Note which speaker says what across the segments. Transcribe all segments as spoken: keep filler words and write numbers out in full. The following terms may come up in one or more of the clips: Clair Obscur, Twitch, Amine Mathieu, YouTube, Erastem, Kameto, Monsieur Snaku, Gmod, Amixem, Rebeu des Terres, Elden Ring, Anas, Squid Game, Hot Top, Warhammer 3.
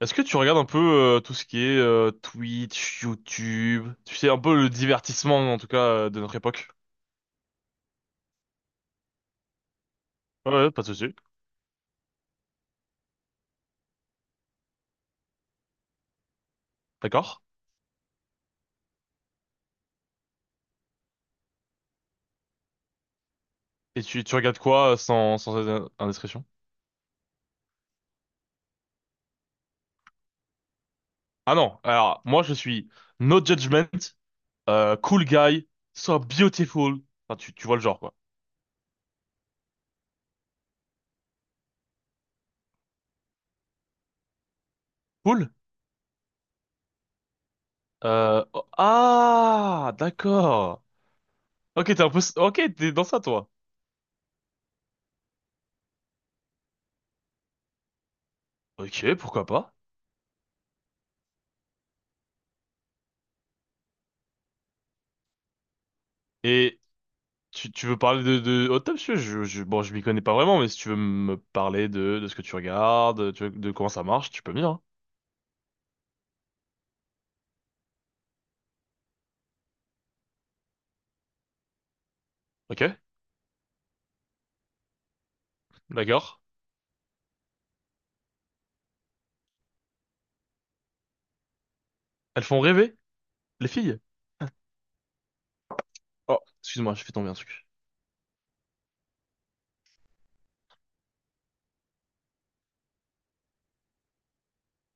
Speaker 1: Est-ce que tu regardes un peu euh, tout ce qui est euh, Twitch, YouTube, tu sais, un peu le divertissement en tout cas euh, de notre époque? Ouais, ouais, pas de souci. D'accord. Et tu, tu regardes quoi euh, sans, sans euh, indiscrétion? Ah non, alors moi je suis no judgment, euh, cool guy, so beautiful. Enfin, tu, tu vois le genre quoi. Cool? Euh, oh, ah, d'accord. Ok, t'es un peu... Ok, t'es dans ça toi. Ok, pourquoi pas. Et Tu, tu veux parler de, de Hot Top, je, je, je- bon, je m'y connais pas vraiment, mais si tu veux me parler de, de ce que tu regardes, tu veux- de comment ça marche, tu peux venir, hein. Ok, d'accord. Elles font rêver, les filles. Oh, excuse-moi, j'ai fait tomber un truc.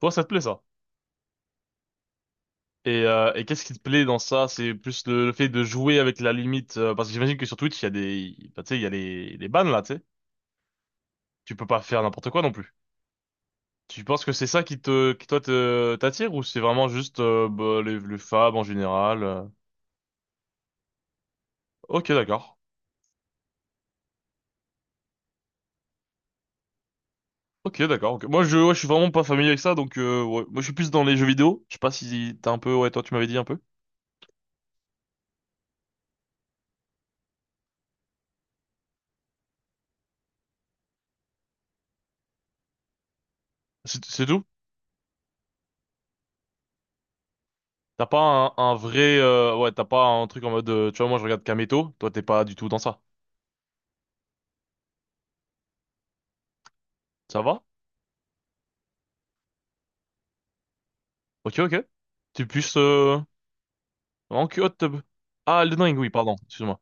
Speaker 1: Toi, ça te plaît, ça? Et, euh, et qu'est-ce qui te plaît dans ça? C'est plus le, le fait de jouer avec la limite, euh, parce que j'imagine que sur Twitch, il y a des, bah, tu sais, il y a les, les bans, là, tu sais. Tu peux pas faire n'importe quoi non plus. Tu penses que c'est ça qui te, qui toi te, t'attire, ou c'est vraiment juste, euh, bah, les, les femmes en général? euh Ok, d'accord. Ok, d'accord, ok. Moi, je, ouais, je suis vraiment pas familier avec ça, donc euh, ouais. Moi, je suis plus dans les jeux vidéo. Je sais pas si t'as un peu. Ouais, toi, tu m'avais dit un peu. C'est c'est tout? T'as pas un, un vrai. Euh, ouais, t'as pas un truc en mode. Euh, tu vois, moi, je regarde Kameto. Toi, t'es pas du tout dans ça. Ça va? Ok, ok. T'es plus euh, en hot tub. Ah, Elden Ring, oui, pardon. Excuse-moi.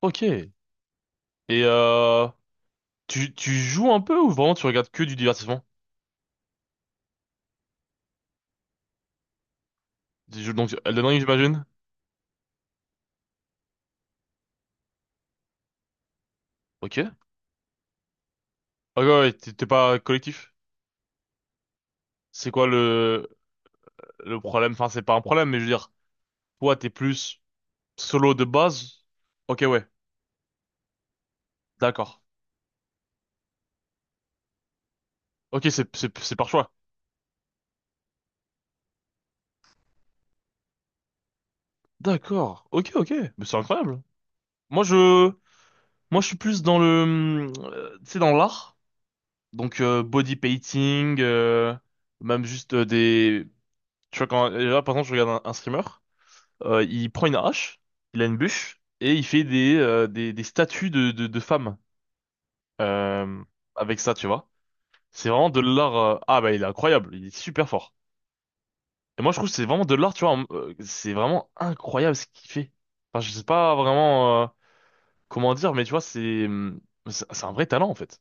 Speaker 1: Ok. Et euh, tu, tu joues un peu ou vraiment tu regardes que du divertissement? Tu joues donc Elden Ring, j'imagine. Ok. Ok, ouais, t'es t'es pas collectif. C'est quoi le le problème? Enfin, c'est pas un problème, mais je veux dire. Toi, t'es plus solo de base. Ok, ouais, d'accord. Ok, c'est c'est c'est par choix. D'accord. Ok, ok. Mais c'est incroyable. Moi, je moi, je suis plus dans le hum, euh, tu sais dans l'art. Donc euh, body painting, euh, même juste euh, des tu vois quand là par exemple je regarde un, un streamer, euh, il prend une hache, il a une bûche et il fait des euh, des, des statues de de, de femmes euh, avec ça, tu vois. C'est vraiment de l'art. euh, Ah bah il est incroyable, il est super fort. Et moi, je trouve que c'est vraiment de l'art, tu vois. euh, C'est vraiment incroyable ce qu'il fait. Enfin, je sais pas vraiment euh, comment dire, mais tu vois, c'est hum, c'est c'est un vrai talent en fait.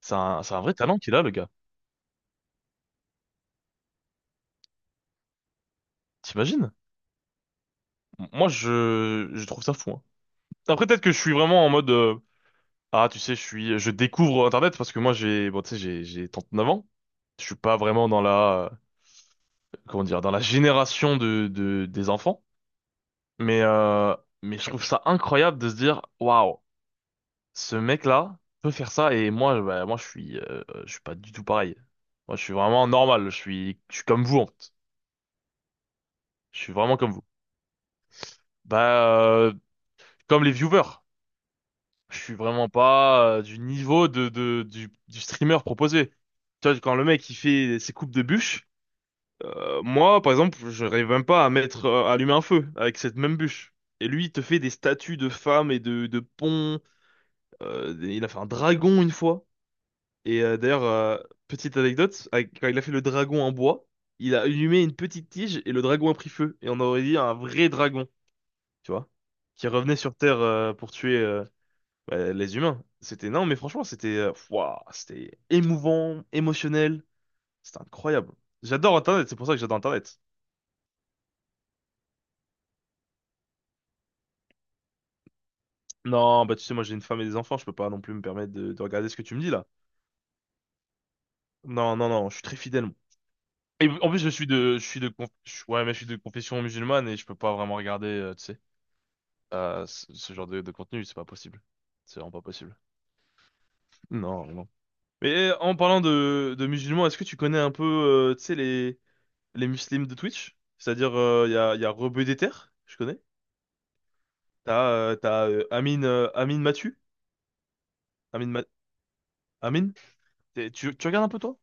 Speaker 1: C'est un, c'est un vrai talent qu'il a, le gars. T'imagines? M- Moi, je, je trouve ça fou, hein. Après, peut-être que je suis vraiment en mode euh, ah, tu sais, je suis, je découvre Internet parce que moi, j'ai, bon, tu sais, j'ai, j'ai trente-neuf ans. Je suis pas vraiment dans la, euh, comment dire, dans la génération de, de des enfants. Mais, euh, mais je trouve ça incroyable de se dire, waouh. Ce mec-là peut faire ça et moi, bah, moi je suis, euh, je suis pas du tout pareil. Moi, je suis vraiment normal. Je suis, je suis comme vous en fait. Je suis vraiment comme vous. Bah, euh, Comme les viewers. Je suis vraiment pas euh, du niveau de, de du, du streamer proposé. Tu vois, quand le mec il fait ses coupes de bûches, euh, moi par exemple, je rêve même pas à mettre, euh, à allumer un feu avec cette même bûche. Et lui, il te fait des statues de femmes et de, de ponts. Euh, il a fait un dragon une fois. Et euh, d'ailleurs, euh, petite anecdote, avec- quand il a fait le dragon en bois, il a allumé une petite tige et le dragon a pris feu. Et on aurait dit un vrai dragon, tu vois, qui revenait sur Terre euh, pour tuer euh, bah, les humains. C'était non, mais franchement, c'était euh, ouah, c'était émouvant, émotionnel, c'était incroyable. J'adore Internet, c'est pour ça que j'adore Internet. Non, bah tu sais, moi j'ai une femme et des enfants, je peux pas non plus me permettre de, de regarder ce que tu me dis là. Non, non, non, je suis très fidèle, moi. Et en plus, je suis de, je suis de, conf- je- ouais, mais je suis de confession musulmane et je peux pas vraiment regarder, euh, tu sais, à ce ce genre de, de contenu, c'est pas possible. C'est vraiment pas possible. Non, non. Mais eh, en parlant de, de musulmans, est-ce que tu connais un peu, euh, tu sais, les, les muslims de Twitch? C'est-à-dire, il y a, y a Rebeu des Terres, je connais. T'as euh, t'as euh, Amine, euh, Amine Mathieu. Amine, Ma- Amine? T'es- Tu, tu regardes un peu, toi?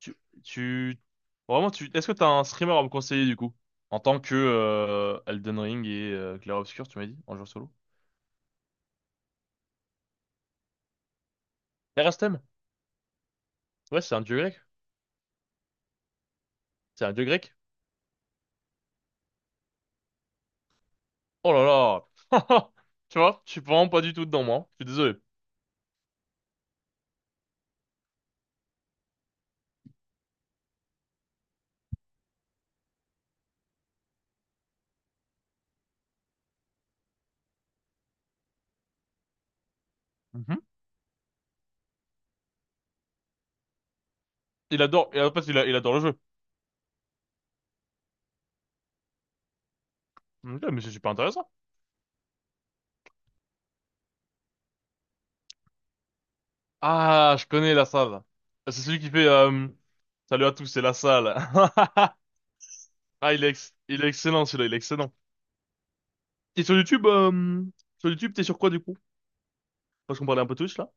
Speaker 1: Tu, tu... Vraiment, tu... Est-ce que t'as un streamer à me conseiller, du coup? En tant que euh, Elden Ring et euh, Clair Obscur, tu m'as dit, en jeu solo. Erastem? Ouais, c'est un dieu grec. C'est un dieu grec. Oh là là! Tu vois, je suis vraiment pas du tout dedans, moi. Je suis désolé. Mhm. Il adore, et en fait, il, a- il adore le jeu. Ok, mais c'est super intéressant. Ah, je connais la salle. C'est celui qui fait, euh, salut à tous, c'est la salle. Ah, il est, ex- il est excellent, celui-là, il est excellent. Et sur YouTube, euh, sur YouTube, t'es sur quoi, du coup? Parce qu'on parlait un peu Twitch, là.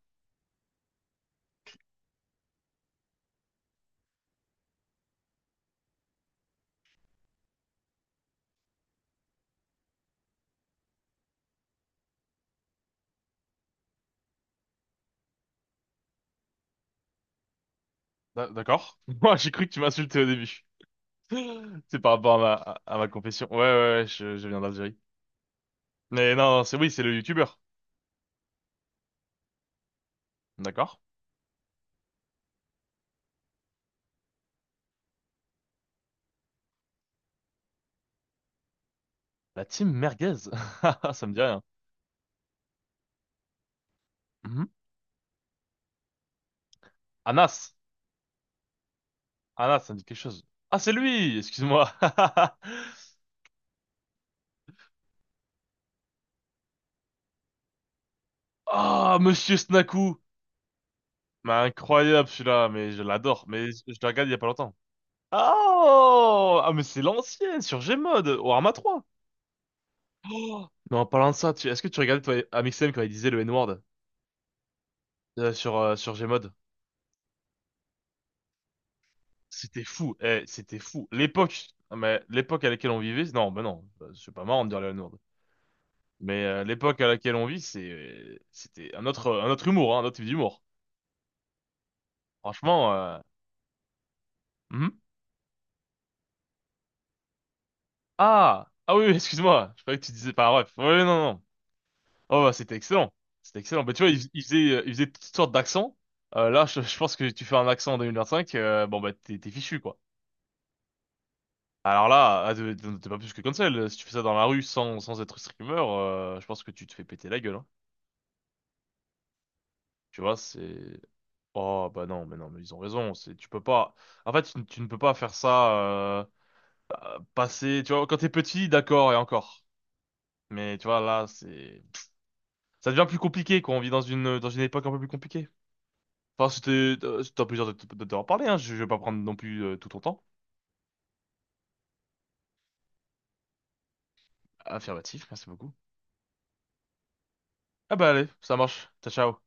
Speaker 1: D'a- D'accord. Moi, j'ai cru que tu m'insultais au début. C'est par rapport à ma, à à ma confession. Ouais, ouais, ouais, je, je viens d'Algérie. Mais non, c'est oui, c'est le YouTuber. D'accord. La team merguez. Ça me dit rien. Mhm. Anas. Anas, ça me dit quelque chose. Ah, c'est lui! Excuse-moi. Ah, Monsieur Snaku. Mais incroyable celui-là, mais je l'adore. Mais je je le regarde il y a pas longtemps. Oh! Ah, mais c'est l'ancien, sur Gmod, Warhammer trois. Mais en parlant de ça, tu- est-ce que tu regardais toi Amixem quand il disait le N-word euh, sur, euh, sur Gmod? C'était fou, eh, c'était fou. L'époque, ah, mais l'époque à laquelle on vivait, non, ben non, euh, c'est pas marrant de dire le N-word. Mais euh, l'époque à laquelle on vit, c'est, euh, c'était un autre, un autre humour, hein, un autre type d'humour. Franchement, euh, mhm. Ah! Ah oui, oui, excuse-moi. Je croyais que tu disais par ref. Oui, non, non. Oh, bah, c'était excellent. C'était excellent. Bah, tu vois, il, il faisait, euh, il faisait toutes sortes d'accents. Euh, là, je, je pense que tu fais un accent en deux mille vingt-cinq, euh, bon, bah, t'es t'es fichu, quoi. Alors là, ah, t'es t'es pas plus que cancel. Si tu fais ça dans la rue sans, sans être streamer, euh, je pense que tu te fais péter la gueule, hein. Tu vois, c'est... Oh bah non mais non mais ils ont raison c'est tu peux pas en fait tu, ne tu ne peux pas faire ça euh, euh, passer tu vois quand t'es petit d'accord et encore mais tu vois là c'est ça devient plus compliqué quand on vit dans une, dans une époque un peu plus compliquée. Enfin, c'était euh, c'était un plaisir de, de, de t'en parler, hein. Je, je vais pas prendre non plus euh, tout ton temps. Affirmatif, merci beaucoup. Ah bah allez, ça marche. Ciao, ciao.